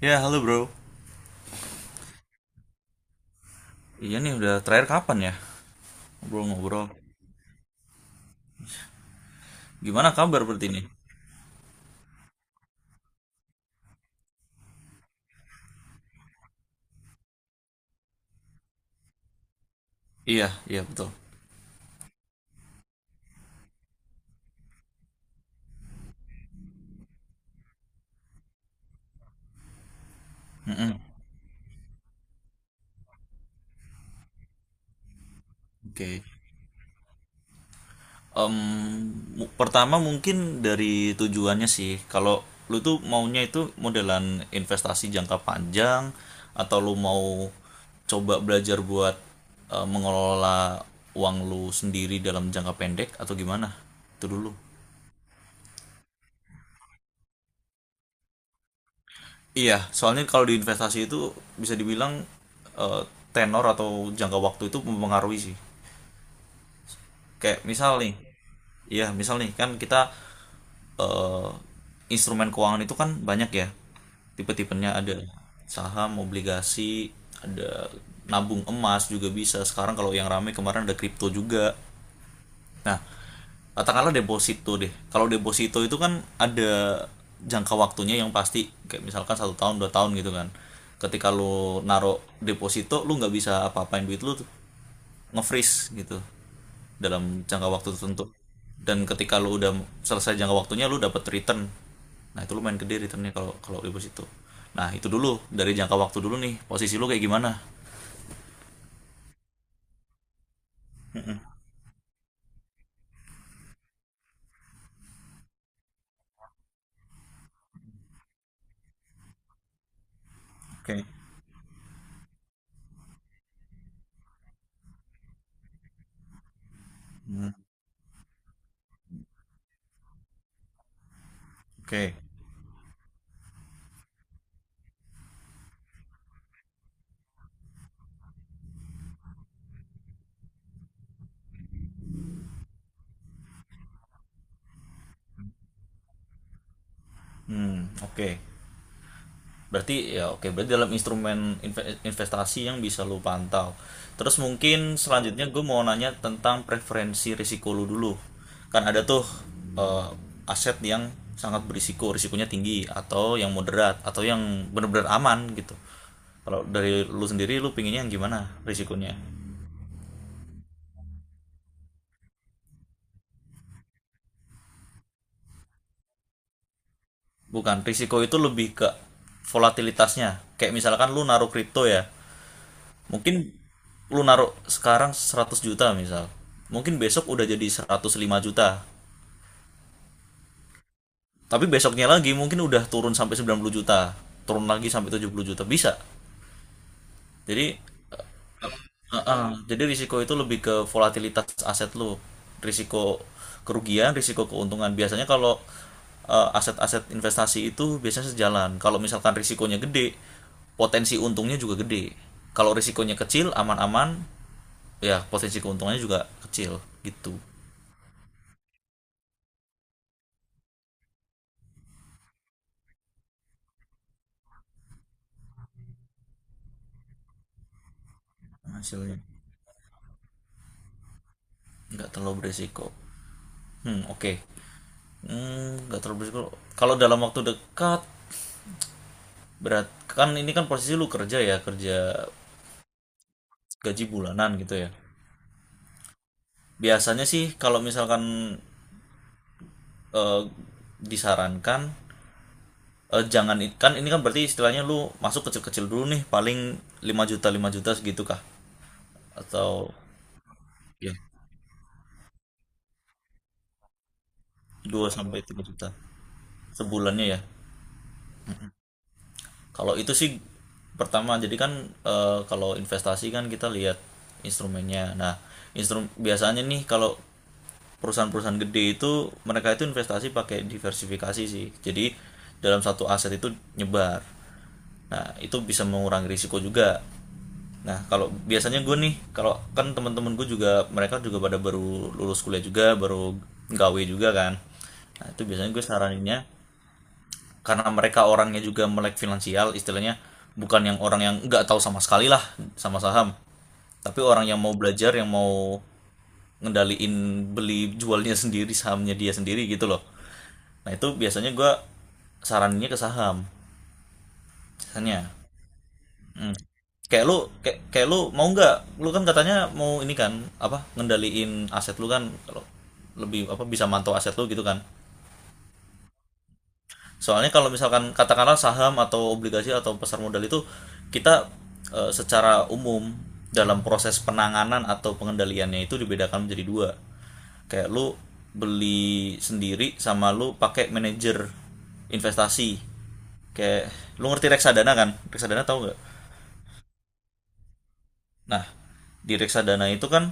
Ya, halo bro. Iya nih udah terakhir kapan ya ngobrol-ngobrol? Gimana kabar berarti ini? Iya, iya betul. Mm-mm. Oke. Em, Pertama mungkin dari tujuannya sih. Kalau lu tuh maunya itu modelan investasi jangka panjang atau lu mau coba belajar buat mengelola uang lu sendiri dalam jangka pendek atau gimana? Itu dulu. Iya, soalnya kalau di investasi itu bisa dibilang eh, tenor atau jangka waktu itu mempengaruhi sih. Kayak misal nih, iya misal nih kan kita eh, instrumen keuangan itu kan banyak ya. Tipe-tipenya ada saham, obligasi, ada nabung emas juga bisa. Sekarang kalau yang rame kemarin ada kripto juga. Nah, katakanlah deposito deh. Kalau deposito itu kan ada jangka waktunya yang pasti, kayak misalkan 1 tahun 2 tahun gitu kan. Ketika lo naruh deposito, lo nggak bisa apa-apain duit lo tuh, nge-freeze gitu dalam jangka waktu tertentu. Dan ketika lo udah selesai jangka waktunya, lo dapat return. Nah, itu lumayan gede returnnya kalau kalau deposito. Nah, itu dulu dari jangka waktu dulu nih, posisi lo kayak gimana? Oke. Hmm, oke. Hmm, oke. Berarti ya oke, berarti dalam instrumen investasi yang bisa lu pantau. Terus mungkin selanjutnya gue mau nanya tentang preferensi risiko lu dulu. Kan ada tuh eh, aset yang sangat berisiko, risikonya tinggi atau yang moderat atau yang benar-benar aman gitu. Kalau dari lu sendiri lu pinginnya yang gimana risikonya? Bukan, risiko itu lebih ke volatilitasnya. Kayak misalkan lu naruh kripto ya, mungkin lu naruh sekarang 100 juta misal. Mungkin besok udah jadi 105 juta. Tapi besoknya lagi mungkin udah turun sampai 90 juta. Turun lagi sampai 70 juta. Bisa. Jadi risiko itu lebih ke volatilitas aset lu. Risiko kerugian, risiko keuntungan. Biasanya kalau aset-aset investasi itu biasanya sejalan. Kalau misalkan risikonya gede, potensi untungnya juga gede. Kalau risikonya kecil, aman-aman, ya potensi keuntungannya juga kecil gitu. Hasilnya nggak terlalu beresiko. Hmm, oke. Okay. Hmm, nggak terlalu beresiko kalau dalam waktu dekat berat kan. Ini kan posisi lu kerja, ya kerja gaji bulanan gitu ya. Biasanya sih kalau misalkan eh, disarankan, jangan i- kan ini kan berarti istilahnya lu masuk kecil-kecil dulu nih, paling 5 juta 5 juta segitu kah, atau ya 2 sampai 3 juta sebulannya ya. Kalau itu sih pertama jadi kan kalau investasi kan kita lihat instrumennya. Nah, biasanya nih kalau perusahaan-perusahaan gede itu mereka itu investasi pakai diversifikasi sih. Jadi dalam satu aset itu nyebar. Nah, itu bisa mengurangi risiko juga. Nah, kalau biasanya gue nih, kalau kan teman-teman gue juga mereka juga pada baru lulus kuliah juga, baru gawe juga kan. Nah, itu biasanya gue saraninnya karena mereka orangnya juga melek finansial istilahnya, bukan yang orang yang nggak tahu sama sekali lah sama saham, tapi orang yang mau belajar, yang mau ngendaliin beli jualnya sendiri sahamnya dia sendiri gitu loh. Nah itu biasanya gue sarannya ke saham biasanya. Hmm. Kayak lu mau nggak, lu kan katanya mau ini kan, apa, ngendaliin aset lu kan, kalau lebih apa bisa mantau aset lu gitu kan. Soalnya kalau misalkan katakanlah saham atau obligasi atau pasar modal itu, kita secara umum dalam proses penanganan atau pengendaliannya itu dibedakan menjadi dua. Kayak lu beli sendiri sama lu pakai manajer investasi. Kayak lu ngerti reksadana kan? Reksadana tahu nggak? Nah, di reksadana itu kan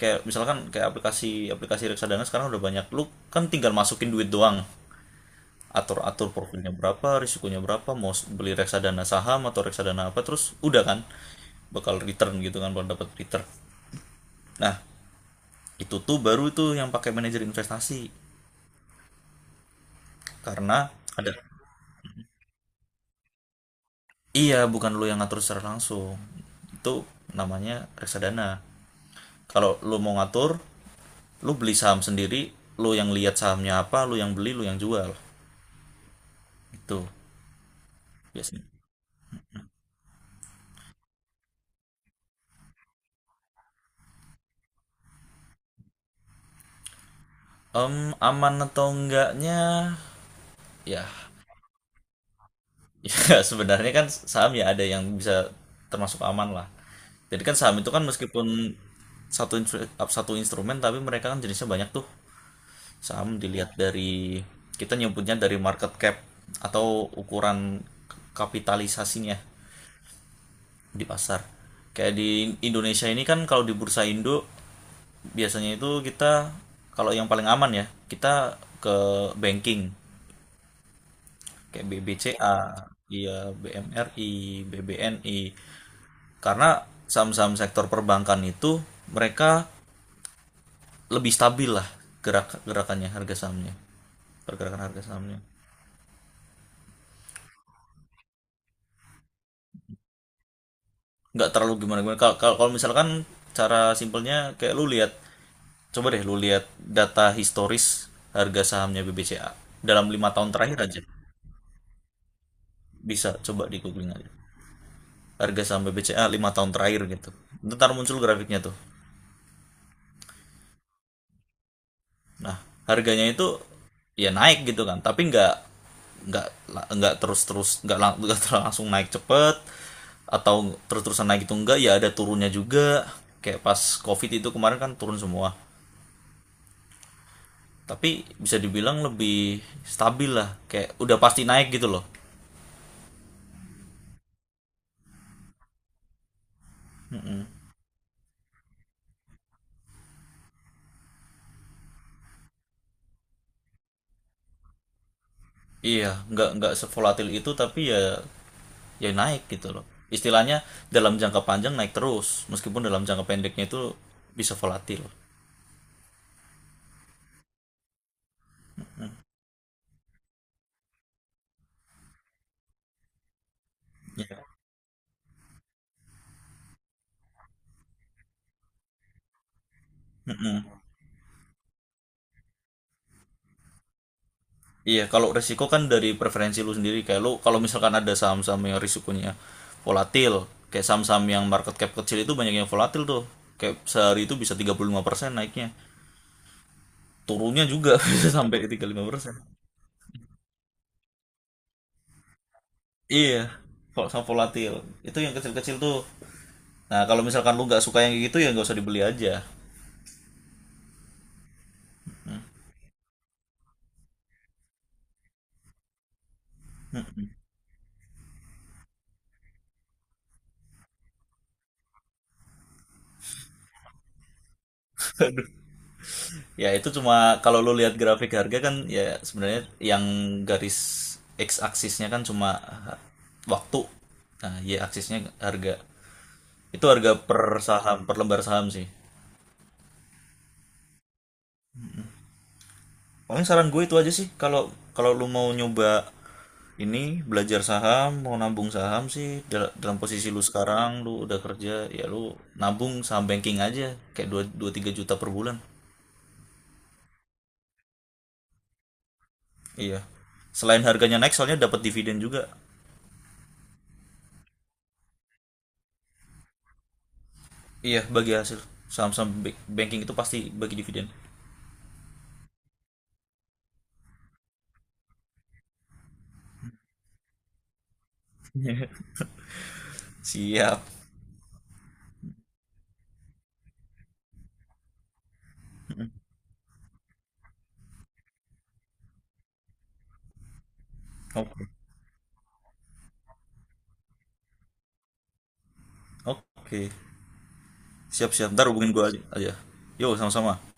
kayak misalkan kayak aplikasi aplikasi reksadana sekarang udah banyak, lu kan tinggal masukin duit doang, atur-atur profilnya berapa, risikonya berapa, mau beli reksadana saham atau reksadana apa, terus udah kan bakal return gitu kan, bakal dapat return. Nah, itu tuh baru tuh yang pakai manajer investasi karena ada. Iya, bukan lu yang ngatur secara langsung. Itu namanya reksadana. Kalau lu mau ngatur, lu beli saham sendiri, lu yang lihat sahamnya apa, lu yang beli, lu yang jual. Itu biasanya. Em, Aman atau enggaknya ya, ya sebenarnya kan saham ya ada yang bisa termasuk aman lah. Jadi kan saham itu kan meskipun satu instru- satu instrumen, tapi mereka kan jenisnya banyak tuh. Saham dilihat dari, kita nyebutnya dari market cap atau ukuran kapitalisasinya di pasar. Kayak di Indonesia ini kan, kalau di Bursa Indo biasanya itu kita, kalau yang paling aman ya kita ke banking, kayak BBCA, iya BMRI, BBNI. Karena saham-saham sektor perbankan itu mereka lebih stabil lah gerak gerakannya harga sahamnya. Pergerakan harga sahamnya. Nggak terlalu gimana-gimana. Kalau kalau kalau misalkan cara simpelnya kayak lu lihat coba deh lu lihat data historis harga sahamnya BBCA dalam 5 tahun terakhir aja. Bisa coba di googling aja. Harga saham BBCA 5 tahun terakhir gitu. Ntar muncul grafiknya tuh. Nah, harganya itu ya naik gitu kan, tapi nggak nggak nggak langsung naik cepet, atau terus-terusan naik itu enggak, ya ada turunnya juga. Kayak pas COVID itu kemarin kan turun semua. Tapi bisa dibilang lebih stabil lah, kayak udah pasti naik gitu loh. Iya, nggak sevolatil itu tapi ya naik gitu loh. Istilahnya dalam jangka panjang naik terus, meskipun dalam jangka pendeknya itu bisa volatil. Iya. Mm-mm. Iya, kalau resiko kan dari preferensi lu sendiri. Kayak lu kalau misalkan ada saham-saham yang risikonya volatil, kayak saham-saham yang market cap kecil itu banyak yang volatil tuh. Kayak sehari itu bisa 35% naiknya. Turunnya juga bisa sampai ke 35%. Iya, saham volatil. Itu yang kecil-kecil tuh. Nah, kalau misalkan lu nggak suka yang kayak gitu ya nggak usah dibeli aja. Ya itu cuma kalau lu lihat grafik harga kan, ya sebenarnya yang garis x aksisnya kan cuma waktu. Nah, y aksisnya harga. Itu harga per saham, per lembar saham sih. Pokoknya saran gue itu aja sih, kalau kalau lu mau nyoba ini belajar saham, mau nabung saham sih dalam posisi lu sekarang lu udah kerja, ya lu nabung saham banking aja kayak 2 2 3 juta per bulan. Iya. Selain harganya naik soalnya dapat dividen juga. Iya, bagi hasil saham-saham banking itu pasti bagi dividen. Siap. Oke. Oke. Siap-siap. Ntar hubungin gue aja. Yo, sama-sama.